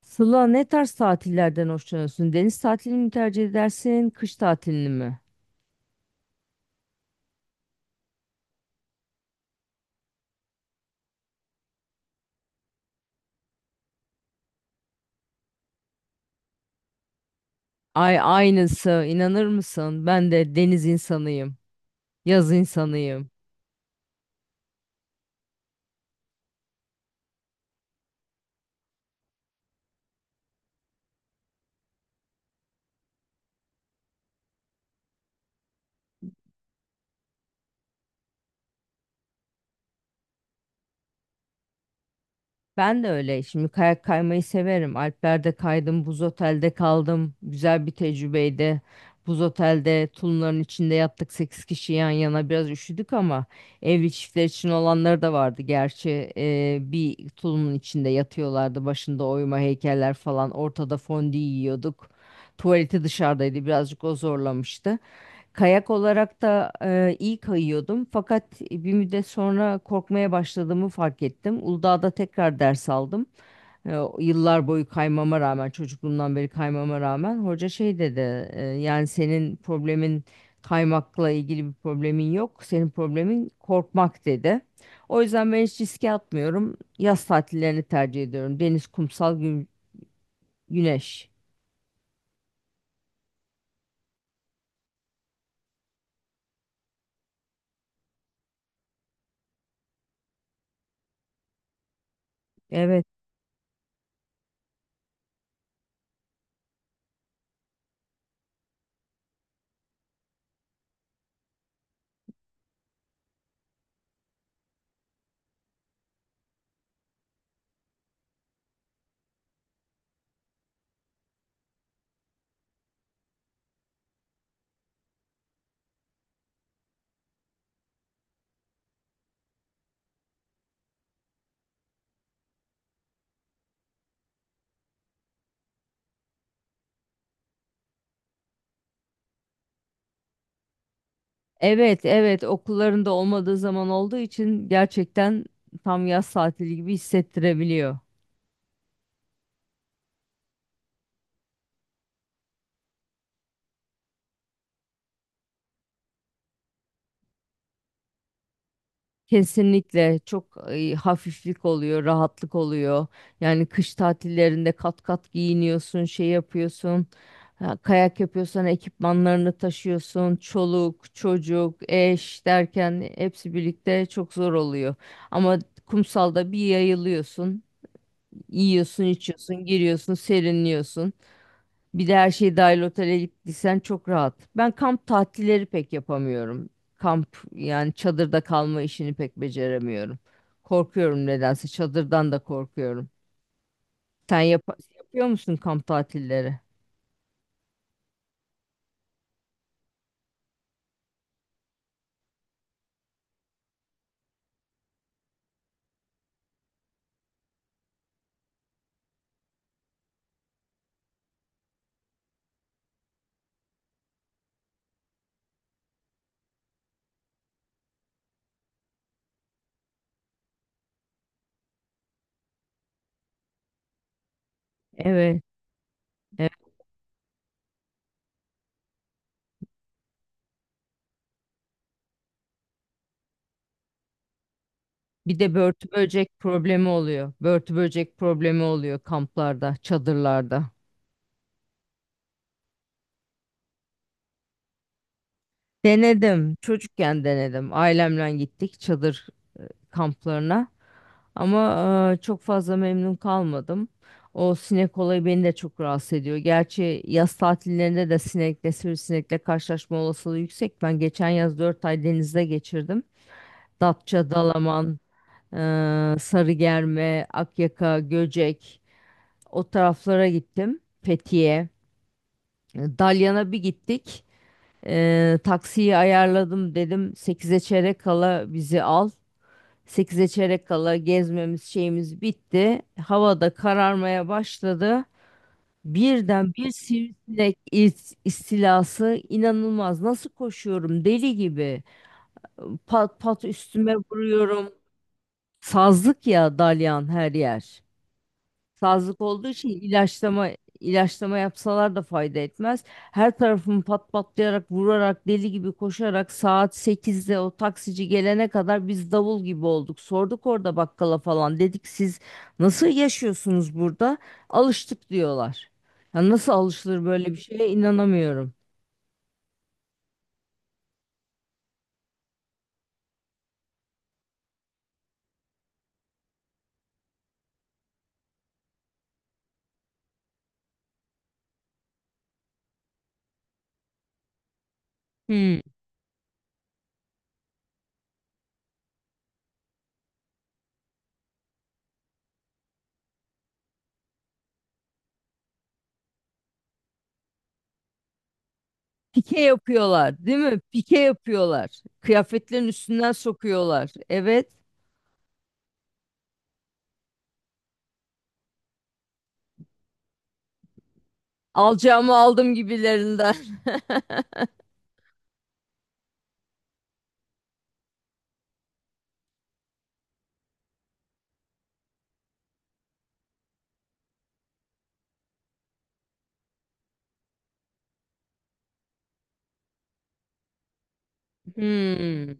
Sıla ne tarz tatillerden hoşlanıyorsun? Deniz tatilini mi tercih edersin, kış tatilini mi? Ay aynısı, inanır mısın? Ben de deniz insanıyım, yaz insanıyım. Ben de öyle. Şimdi kayak kaymayı severim. Alplerde kaydım, buz otelde kaldım. Güzel bir tecrübeydi. Buz otelde tulumların içinde yattık 8 kişi yan yana. Biraz üşüdük ama evli çiftler için olanları da vardı. Gerçi bir tulumun içinde yatıyorlardı. Başında oyma heykeller falan. Ortada fondü yiyorduk. Tuvaleti dışarıdaydı. Birazcık o zorlamıştı. Kayak olarak da iyi kayıyordum fakat bir müddet sonra korkmaya başladığımı fark ettim. Uludağ'da tekrar ders aldım. O yıllar boyu kaymama rağmen, çocukluğumdan beri kaymama rağmen hoca şey dedi. Yani senin problemin kaymakla ilgili bir problemin yok. Senin problemin korkmak dedi. O yüzden ben hiç riske atmıyorum. Yaz tatillerini tercih ediyorum. Deniz, kumsal, güneş. Evet. Evet, evet okullarında olmadığı zaman olduğu için gerçekten tam yaz tatili gibi hissettirebiliyor. Kesinlikle çok hafiflik oluyor, rahatlık oluyor. Yani kış tatillerinde kat kat giyiniyorsun, şey yapıyorsun. Ha, kayak yapıyorsan ekipmanlarını taşıyorsun. Çoluk, çocuk, eş derken hepsi birlikte çok zor oluyor. Ama kumsalda bir yayılıyorsun, yiyorsun, içiyorsun, giriyorsun, serinliyorsun. Bir de her şey dahil otele gittiysen çok rahat. Ben kamp tatilleri pek yapamıyorum. Kamp yani çadırda kalma işini pek beceremiyorum. Korkuyorum nedense çadırdan da korkuyorum. Sen yapıyor musun kamp tatilleri? Evet, evet. Bir de börtü böcek problemi oluyor. Börtü böcek problemi oluyor kamplarda, çadırlarda. Denedim. Çocukken denedim. Ailemle gittik. Çadır kamplarına. Ama çok fazla memnun kalmadım. O sinek olayı beni de çok rahatsız ediyor. Gerçi yaz tatillerinde de sinekle, sivrisinekle karşılaşma olasılığı yüksek. Ben geçen yaz 4 ay denizde geçirdim. Datça, Dalaman, e, Sarıgerme, Akyaka, Göcek o taraflara gittim. Fethiye, Dalyan'a bir gittik. Taksiyi ayarladım dedim sekize çeyrek kala bizi al. 8'e çeyrek kala gezmemiz şeyimiz bitti. Havada kararmaya başladı. Birden bir sivrisinek istilası inanılmaz. Nasıl koşuyorum deli gibi. Pat pat üstüme vuruyorum. Sazlık ya dalyan her yer. Sazlık olduğu için ilaçlama yapsalar da fayda etmez. Her tarafımı pat patlayarak, vurarak, deli gibi koşarak saat 8'de o taksici gelene kadar biz davul gibi olduk. Sorduk orada bakkala falan. Dedik siz nasıl yaşıyorsunuz burada? Alıştık diyorlar. Ya nasıl alışılır böyle bir şeye inanamıyorum. Hmm. Pike yapıyorlar, değil mi? Pike yapıyorlar. Kıyafetlerin üstünden sokuyorlar. Evet. Alacağımı aldım gibilerinden. Hmm.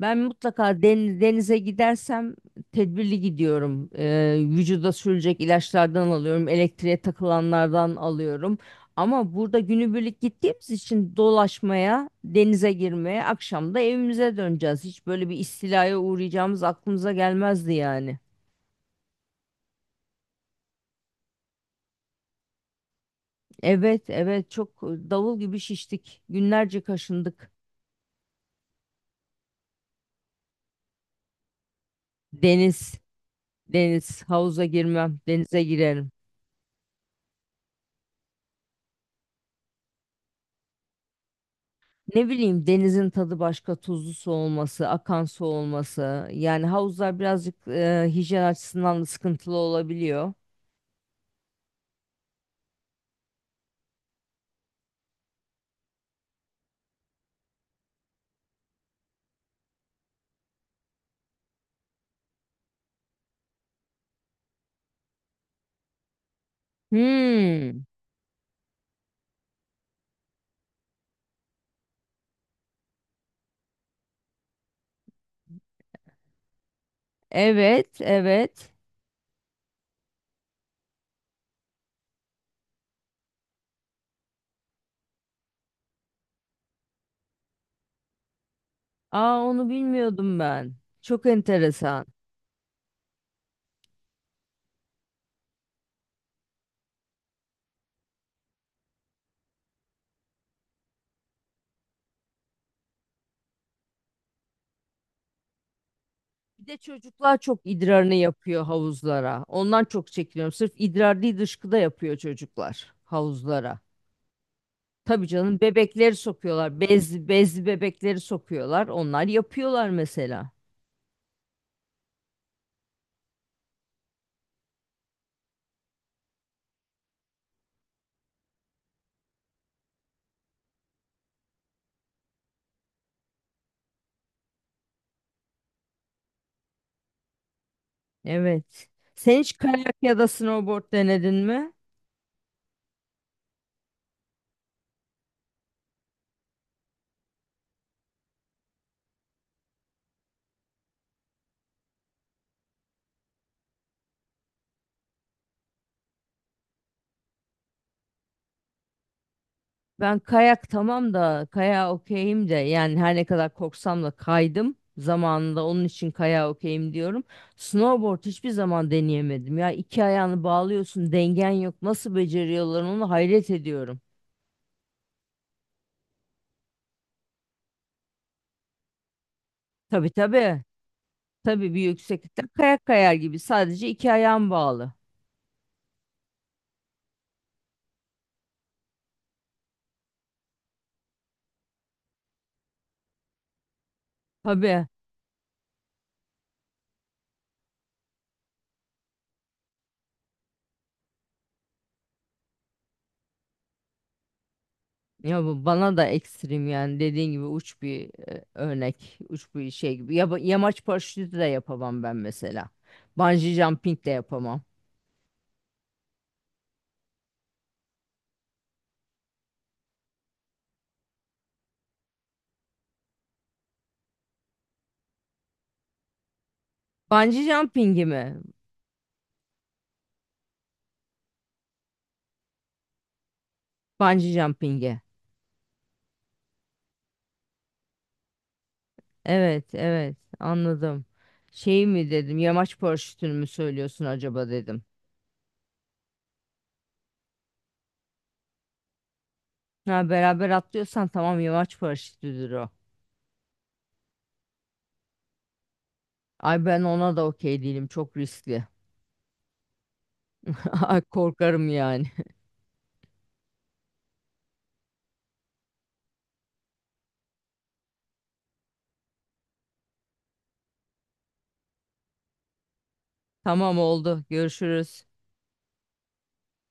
Ben mutlaka denize gidersem tedbirli gidiyorum. Vücuda sürülecek ilaçlardan alıyorum, elektriğe takılanlardan alıyorum. Ama burada günübirlik gittiğimiz için dolaşmaya, denize girmeye, akşam da evimize döneceğiz. Hiç böyle bir istilaya uğrayacağımız aklımıza gelmezdi yani. Evet, evet çok davul gibi şiştik. Günlerce kaşındık. Deniz, deniz, havuza girmem, denize girerim. Ne bileyim denizin tadı başka, tuzlu su olması, akan su olması. Yani havuzlar birazcık hijyen açısından da sıkıntılı olabiliyor. Hmm, evet, evet. Aa onu bilmiyordum ben. Çok enteresan. Bir de çocuklar çok idrarını yapıyor havuzlara. Ondan çok çekiniyorum. Sırf idrar değil dışkı da yapıyor çocuklar havuzlara. Tabii canım bebekleri sokuyorlar. Bez, bezli bebekleri sokuyorlar. Onlar yapıyorlar mesela. Evet. Sen hiç kayak ya da snowboard denedin mi? Ben kayak tamam da kayağa okeyim de yani her ne kadar korksam da kaydım zamanında onun için kayağa okeyim diyorum. Snowboard hiçbir zaman deneyemedim ya iki ayağını bağlıyorsun dengen yok nasıl beceriyorlar onu hayret ediyorum. Tabii tabii tabii bir yükseklikte kayak kayar gibi sadece iki ayağın bağlı. Tabii. Ya bu bana da ekstrem yani dediğin gibi uç bir örnek, uç bir şey gibi. Ya, yamaç paraşütü de yapamam ben mesela. Bungee jumping de yapamam. Bungee jumping'i mi? Bungee jumping'i. Evet, evet anladım. Şey mi dedim, yamaç paraşütünü mü söylüyorsun acaba dedim. Ha beraber atlıyorsan tamam yamaç paraşütüdür o. Ay ben ona da okey değilim, çok riskli. Ay korkarım yani. Tamam oldu, görüşürüz.